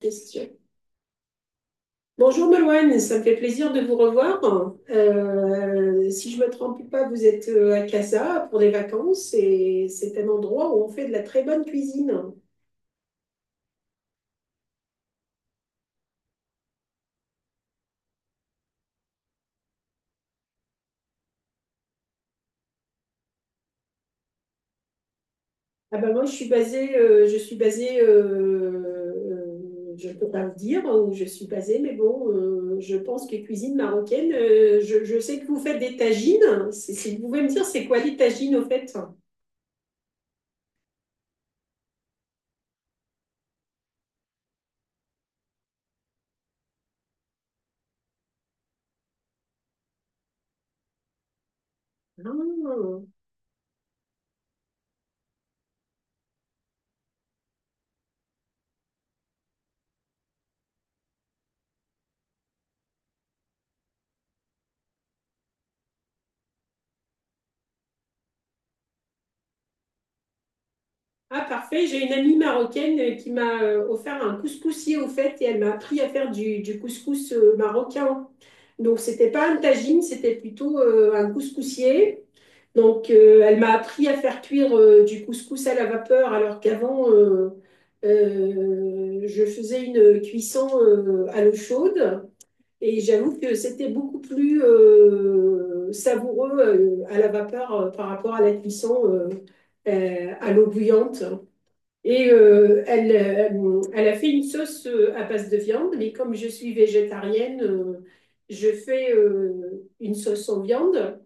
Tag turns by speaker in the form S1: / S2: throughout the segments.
S1: Question. Bonjour Meloine, ça me fait plaisir de vous revoir. Si je ne me trompe pas, vous êtes à Casa pour des vacances et c'est un endroit où on fait de la très bonne cuisine. Ah ben moi, je suis basée, je ne peux pas le dire où je suis basée, mais bon, je pense que cuisine marocaine, je sais que vous faites des tagines. Si vous pouvez me dire, c'est quoi les tagines au fait? Ah. Ah, parfait. J'ai une amie marocaine qui m'a offert un couscoussier au fait et elle m'a appris à faire du couscous marocain. Donc, c'était pas un tagine, c'était plutôt un couscoussier. Donc, elle m'a appris à faire cuire du couscous à la vapeur alors qu'avant, je faisais une cuisson à l'eau chaude. Et j'avoue que c'était beaucoup plus savoureux à la vapeur par rapport à la cuisson à l'eau bouillante. Et elle a fait une sauce à base de viande, mais comme je suis végétarienne, je fais une sauce en viande.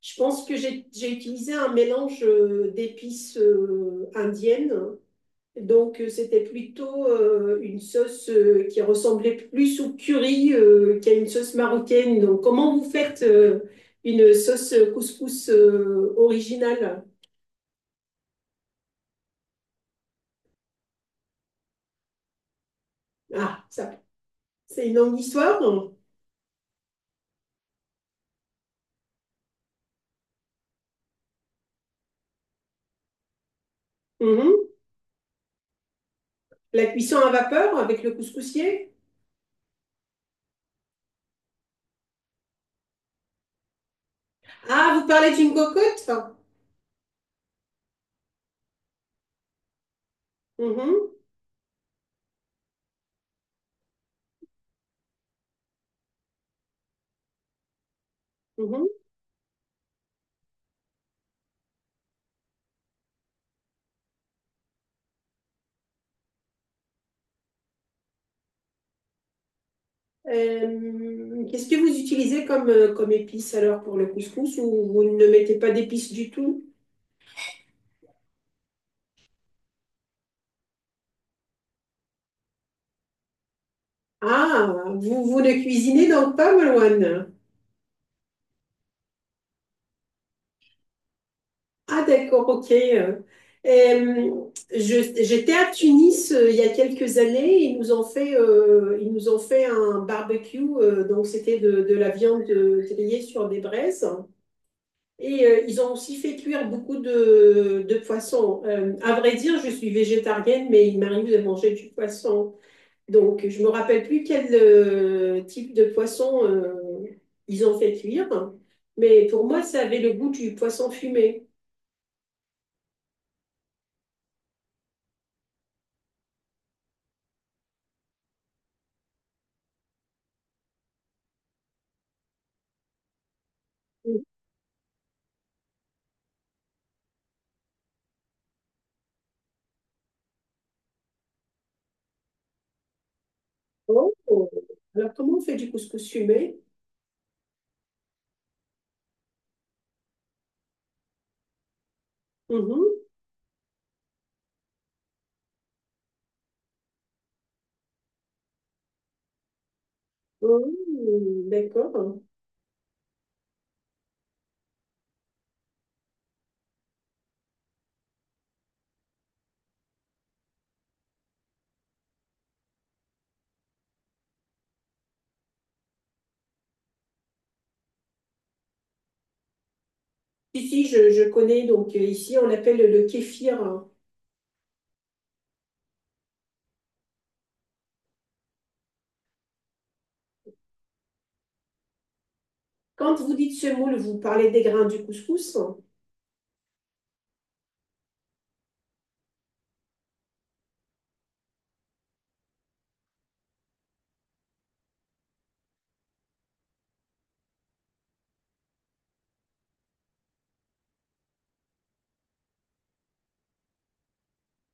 S1: Je pense que j'ai utilisé un mélange d'épices indiennes. Donc, c'était plutôt une sauce qui ressemblait plus au curry qu'à une sauce marocaine. Donc, comment vous faites une sauce couscous originale? Ah, ça, c'est une longue histoire. Mhm. La cuisson à vapeur avec le couscoussier. Ah, vous parlez d'une cocotte? Mhm, mhm. Qu'est-ce que vous utilisez comme, comme épice alors pour le couscous ou vous ne mettez pas d'épices du tout? Ah, vous, vous ne cuisinez donc pas, Malouane? Ah, d'accord, ok. Euh, J'étais à Tunis il y a quelques années. Ils nous ont fait, ils nous ont fait un barbecue. Donc, c'était de la viande grillée sur des braises. Et ils ont aussi fait cuire beaucoup de poissons. À vrai dire, je suis végétarienne, mais il m'arrive de manger du poisson. Donc, je me rappelle plus quel type de poisson ils ont fait cuire, mais pour moi, ça avait le goût du poisson fumé. Oh. Alors, comment on fait du couscous fumé? Mhm. Oh, d'accord. Ici, je connais, donc ici, on l'appelle le kéfir. Quand vous dites semoule, vous parlez des grains du couscous?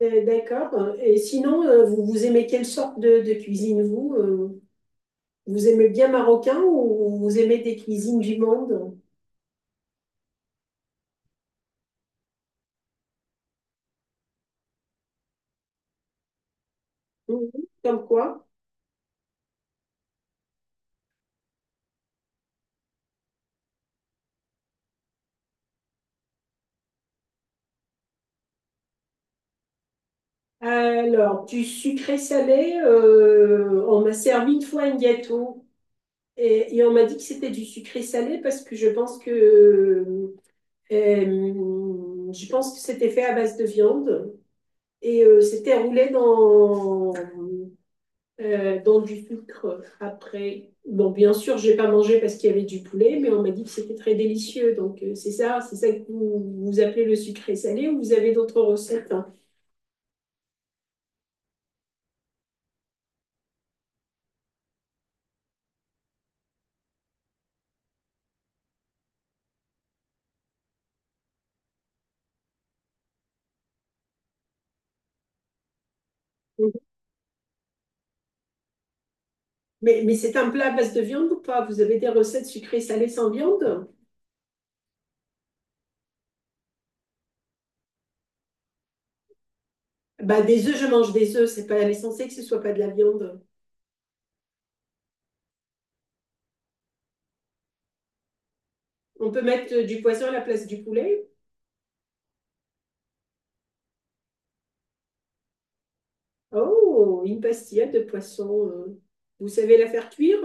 S1: D'accord. Et sinon, vous aimez quelle sorte de cuisine, vous? Vous aimez bien marocain ou vous aimez des cuisines du monde? Mhm. Comme quoi? Alors, du sucré salé, on m'a servi une fois un gâteau et on m'a dit que c'était du sucré salé parce que je pense que, je pense que c'était fait à base de viande et c'était roulé dans du sucre après. Bon, bien sûr, j'ai pas mangé parce qu'il y avait du poulet, mais on m'a dit que c'était très délicieux. Donc, c'est ça que vous, vous appelez le sucré salé ou vous avez d'autres recettes? hein. Mais c'est un plat à base de viande ou pas? Vous avez des recettes sucrées salées sans viande? Bah, des œufs, je mange des œufs. C'est pas l'essentiel que ce soit pas de la viande. On peut mettre du poisson à la place du poulet. Oh, une pastillade de poisson. Vous savez la faire cuire?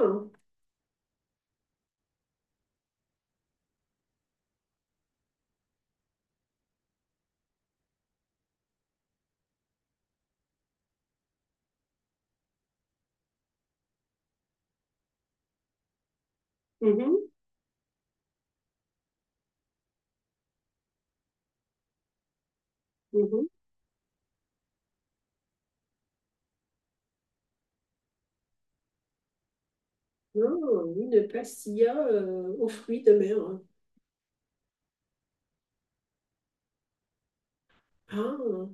S1: Mhm, mhm. Oh, une pastilla aux fruits de mer. Ah.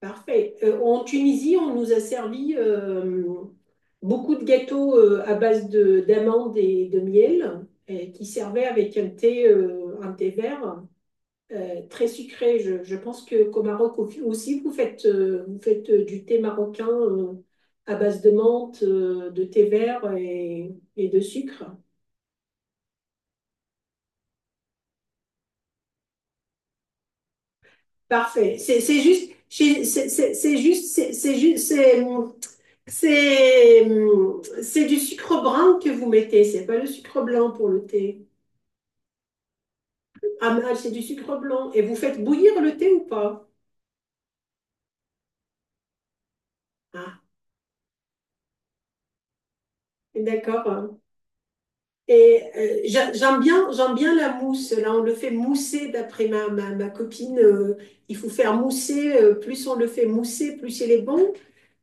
S1: Parfait. En Tunisie, on nous a servi beaucoup de gâteaux à base de d'amandes et de miel et qui servaient avec un thé vert très sucré. Je pense que qu'au Maroc aussi, vous faites du thé marocain à base de menthe, de thé vert et de sucre. Parfait. C'est juste, chez- c'est juste, c'est juste, C'est c'est du sucre brun que vous mettez, c'est pas le sucre blanc pour le thé. Ah, mais ah, c'est du sucre blanc. Et vous faites bouillir le thé ou pas? Ah, d'accord. Et j'aime bien la mousse. Là, on le fait mousser, d'après ma copine. Il faut faire mousser. Plus on le fait mousser, plus il est bon.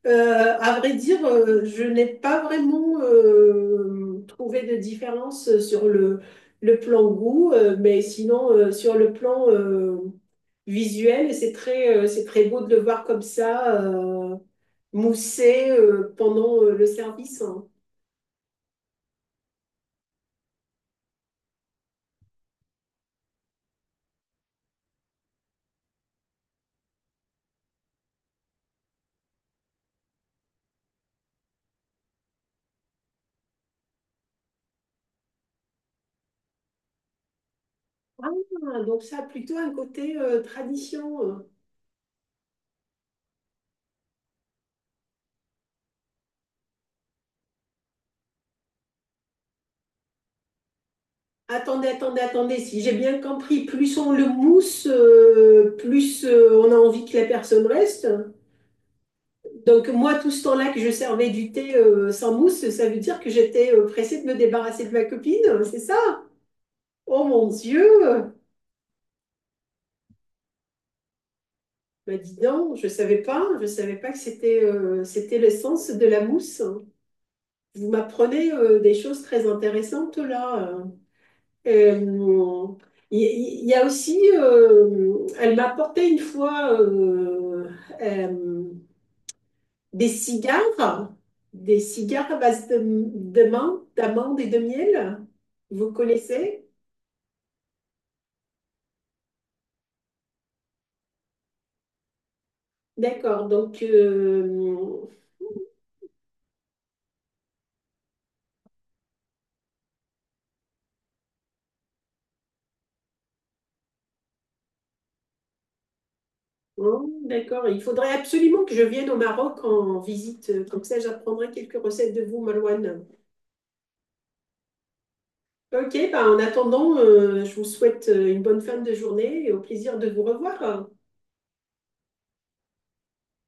S1: À vrai dire, je n'ai pas vraiment trouvé de différence sur le plan goût, mais sinon, sur le plan visuel, c'est très beau de le voir comme ça, moussé pendant le service. Hein. Ah, donc ça a plutôt un côté tradition. Attendez, attendez, attendez. Si j'ai bien compris, plus on le mousse, plus on a envie que la personne reste. Donc moi, tout ce temps-là que je servais du thé sans mousse, ça veut dire que j'étais pressée de me débarrasser de ma copine, c'est ça? Oh mon Dieu! Bah dis donc, je savais pas que c'était l'essence de la mousse. Vous m'apprenez des choses très intéressantes là. Euh, il y a aussi, elle m'a apporté une fois euh, des cigares, des cigares à base de menthe, d'amande et de miel. Vous connaissez? D'accord, donc, bon, d'accord, il faudrait absolument que je vienne au Maroc en visite, comme ça j'apprendrai quelques recettes de vous, Malouane. Ok, bah, en attendant, je vous souhaite une bonne fin de journée et au plaisir de vous revoir.